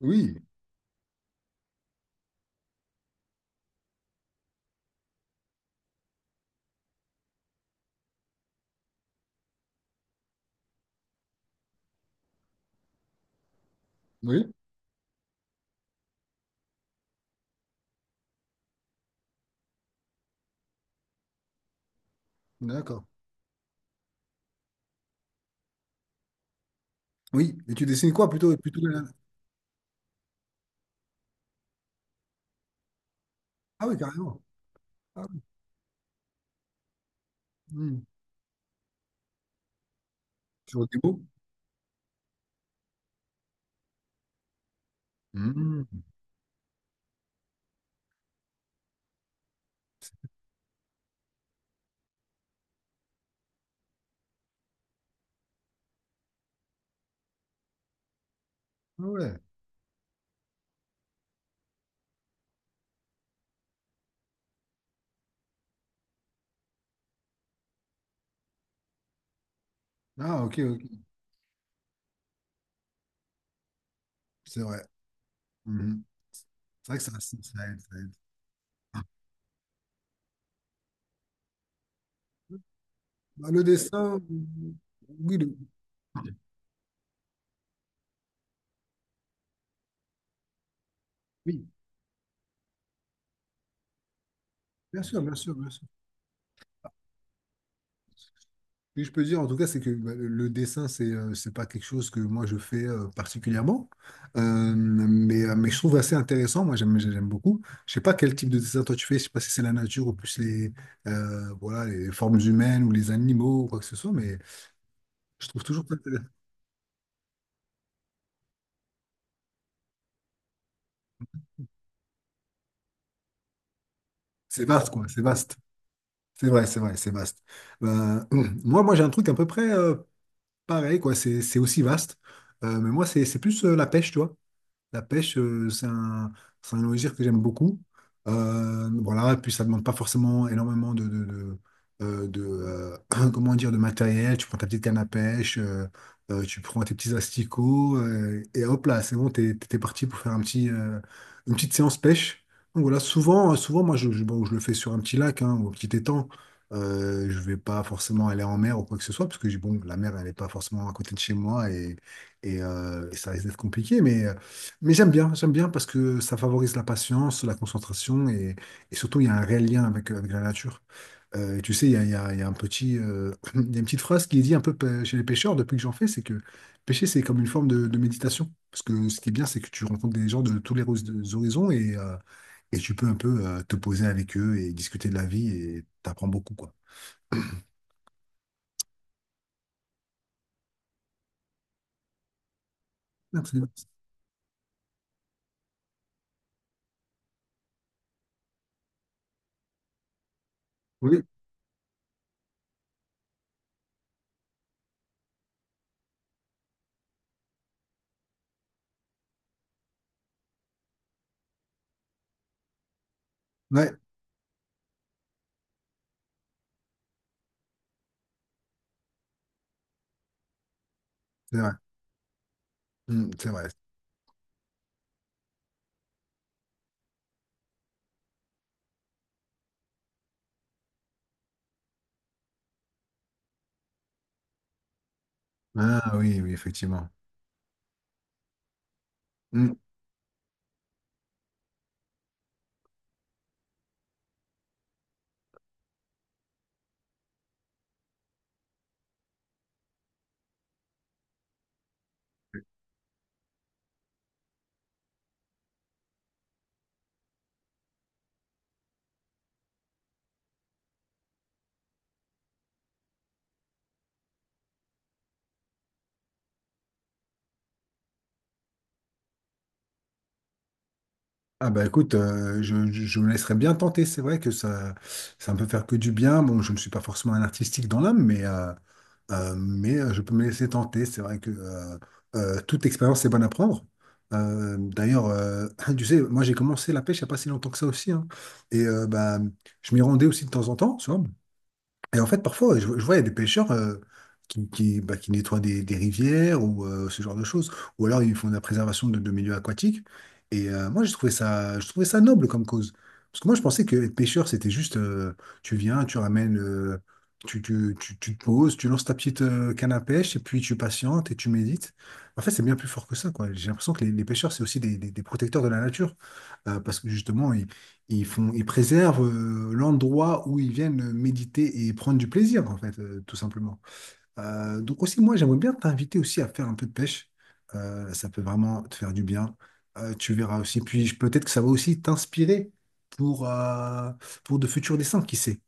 Oui, oui, d'accord. Oui, et tu dessines quoi plutôt, Ah oui, carrément. Ah oui. Hmm. Sur des mots? Hmm. Ah ouais. Ah ok, ok. C'est vrai. Mhm. C'est vrai que ça- Aide, ça aide. Bah, le dessin, oui, le- oui, bien sûr, bien sûr, bien sûr. Oui, je peux dire, en tout cas, c'est que bah, le dessin, c'est pas quelque chose que moi je fais particulièrement. Mais je trouve assez intéressant. Moi, j'aime beaucoup. Je sais pas quel type de dessin toi tu fais. Je sais pas si c'est la nature ou plus les voilà les formes humaines ou les animaux ou quoi que ce soit. Mais je trouve toujours ça intéressant. C'est vaste quoi. C'est vaste. C'est vrai, c'est vrai, c'est vaste. Euh, j'ai un truc à peu près pareil quoi. C'est aussi vaste. Mais moi, c'est plus la pêche, tu vois. La pêche, c'est un loisir que j'aime beaucoup. Voilà, et puis ça demande pas forcément énormément de comment dire, de matériel. Tu prends ta petite canne à pêche, tu prends tes petits asticots, et hop là, c'est bon, t'es parti pour faire un une petite séance pêche. Donc voilà, souvent moi, bon, je le fais sur un petit lac hein, ou un petit étang. Je vais pas forcément aller en mer ou quoi que ce soit, parce que bon, la mer, elle n'est pas forcément à côté de chez moi et et ça risque d'être compliqué, mais j'aime bien parce que ça favorise la patience, la concentration et surtout il y a un réel lien avec la nature. Et tu sais, il y a un il y a une petite phrase qui est dit chez les pêcheurs depuis que j'en fais, c'est que pêcher c'est comme une forme de méditation. Parce que ce qui est bien, c'est que tu rencontres des gens de tous les des horizons et tu peux un peu te poser avec eux et discuter de la vie et t'apprends beaucoup quoi. Absolument. Oui, ouais, c'est vrai. C'est vrai. Ah oui, oui, effectivement. Mmh. Ah bah écoute, je me laisserais bien tenter. C'est vrai que ça me peut faire que du bien. Bon, je ne suis pas forcément un artistique dans l'âme, mais je peux me laisser tenter. C'est vrai que toute expérience est bonne à prendre. D'ailleurs, tu sais, moi j'ai commencé la pêche il n'y a pas si longtemps que ça aussi, hein. Bah, je m'y rendais aussi de temps en temps, tu vois. Et en fait, parfois, ouais, je vois, il y a des pêcheurs qui nettoient des rivières ou ce genre de choses. Ou alors, ils font de la préservation de milieux aquatiques. Moi, je trouvais ça noble comme cause. Parce que moi, je pensais que être pêcheur, c'était tu viens, tu te poses, tu lances ta petite canne à pêche, et puis tu patientes et tu médites. En fait, c'est bien plus fort que ça, quoi. J'ai l'impression que les pêcheurs, c'est aussi des protecteurs de la nature. Parce que justement, ils préservent l'endroit où ils viennent méditer et prendre du plaisir, en fait, tout simplement. Donc aussi, moi, j'aimerais bien t'inviter aussi à faire un peu de pêche. Ça peut vraiment te faire du bien. Tu verras aussi. Peut-être que ça va aussi t'inspirer pour, euh, pour de futurs dessins, qui sait.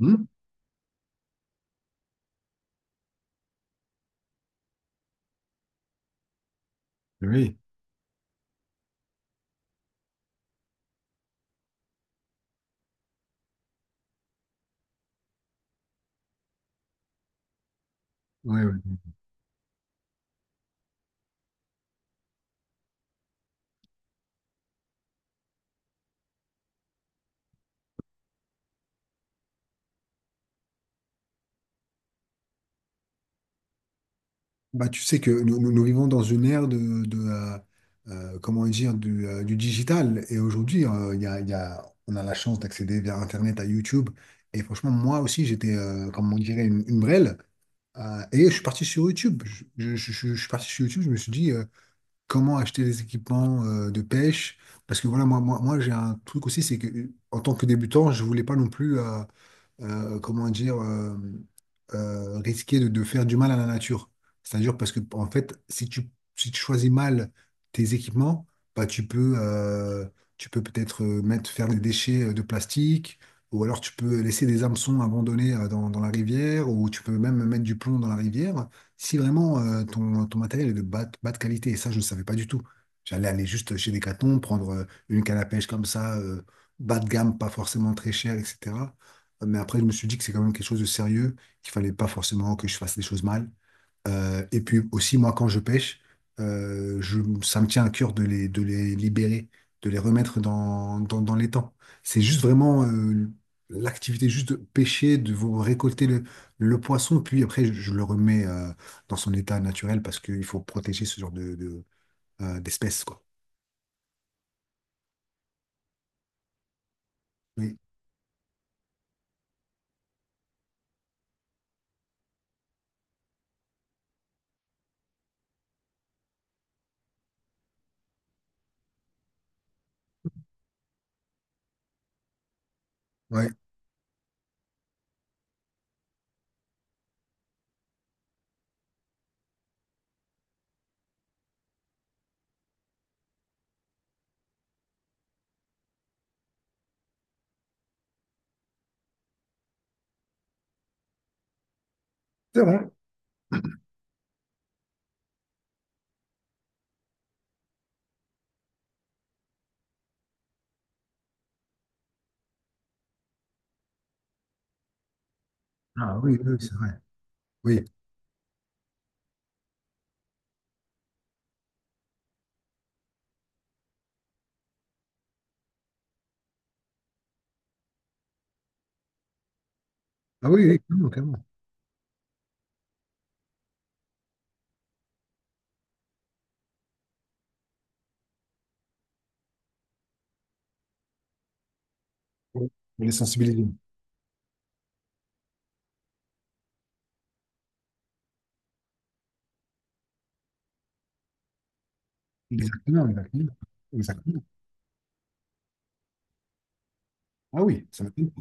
Hmm. Oui, oui, oui. Bah, tu sais que nous vivons dans une ère comment dire, du digital. Et aujourd'hui, il y a- on a la chance d'accéder via Internet à YouTube. Et franchement, moi aussi, j'étais comme on dirait, une brêle. Et je suis parti sur YouTube. Je suis parti sur YouTube, je me suis dit comment acheter des équipements de pêche. Parce que voilà, moi j'ai un truc aussi, c'est que en tant que débutant, je voulais pas non plus. Comment dire, risquer de faire du mal à la nature. C'est-à-dire parce que, en fait, si tu choisis mal tes équipements, bah, tu peux peut-être faire des déchets de plastique, ou alors tu peux laisser des hameçons abandonnés dans la rivière, ou tu peux même mettre du plomb dans la rivière, si vraiment euh, ton matériel est de bas de qualité. Et ça, je ne savais pas du tout. J'allais aller juste chez Decathlon, prendre une canne à pêche comme ça, bas de gamme, pas forcément très chère, etc. Mais après, je me suis dit que c'est quand même quelque chose de sérieux, qu'il fallait pas forcément que je fasse des choses mal. Et puis aussi, moi, quand je pêche, ça me tient à cœur de de les libérer, de les remettre dans l'étang. C'est juste vraiment l'activité juste de pêcher, de vous récolter le poisson, puis après, je le remets dans son état naturel parce qu'il faut protéger ce genre de d'espèces, quoi. Oui, ouais. C'est vrai. Ah oui, oui, c'est vrai. Oui. Ah oui, oui, clairement, clairement. Oui. Les sensibiliser. Exactement, exactement. Exactement. Ah oui, ça m'étonne.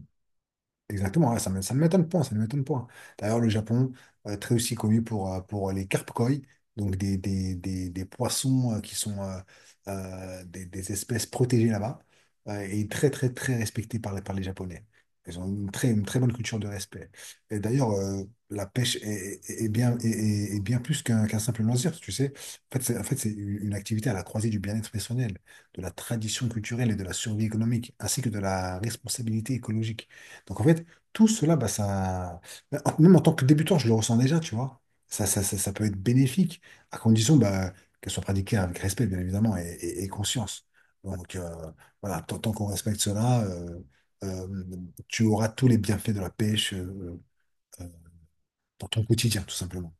Exactement, ouais, ça ne m'étonne point, ça ne m'étonne point. D'ailleurs, le Japon, très aussi connu pour les carpes koi, donc des poissons des espèces protégées là-bas, et très, très, très respectées par par les Japonais. Ils ont une très bonne culture de respect. Et d'ailleurs, la pêche est bien plus qu'un simple loisir, tu sais. En fait, c'est une activité à la croisée du bien-être personnel, de la tradition culturelle et de la survie économique, ainsi que de la responsabilité écologique. Donc en fait, tout cela, bah, même en tant que débutant, je le ressens déjà, tu vois. Ça peut être bénéfique, à condition bah, qu'elle soit pratiquée avec respect, bien évidemment, et conscience. Donc euh, voilà, tant qu'on respecte cela, euh, tu auras tous les bienfaits de la pêche euh, dans ton quotidien, tout simplement.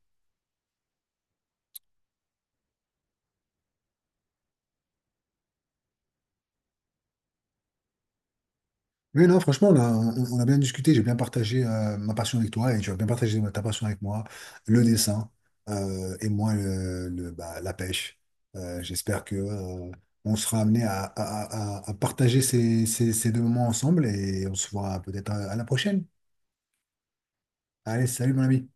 Oui, non, franchement, on a bien discuté, j'ai bien partagé ma passion avec toi et tu as bien partagé ta passion avec moi, le dessin et moi bah, la pêche. J'espère que on sera amené à partager ces deux moments ensemble et on se voit peut-être à la prochaine. Allez, salut mon ami.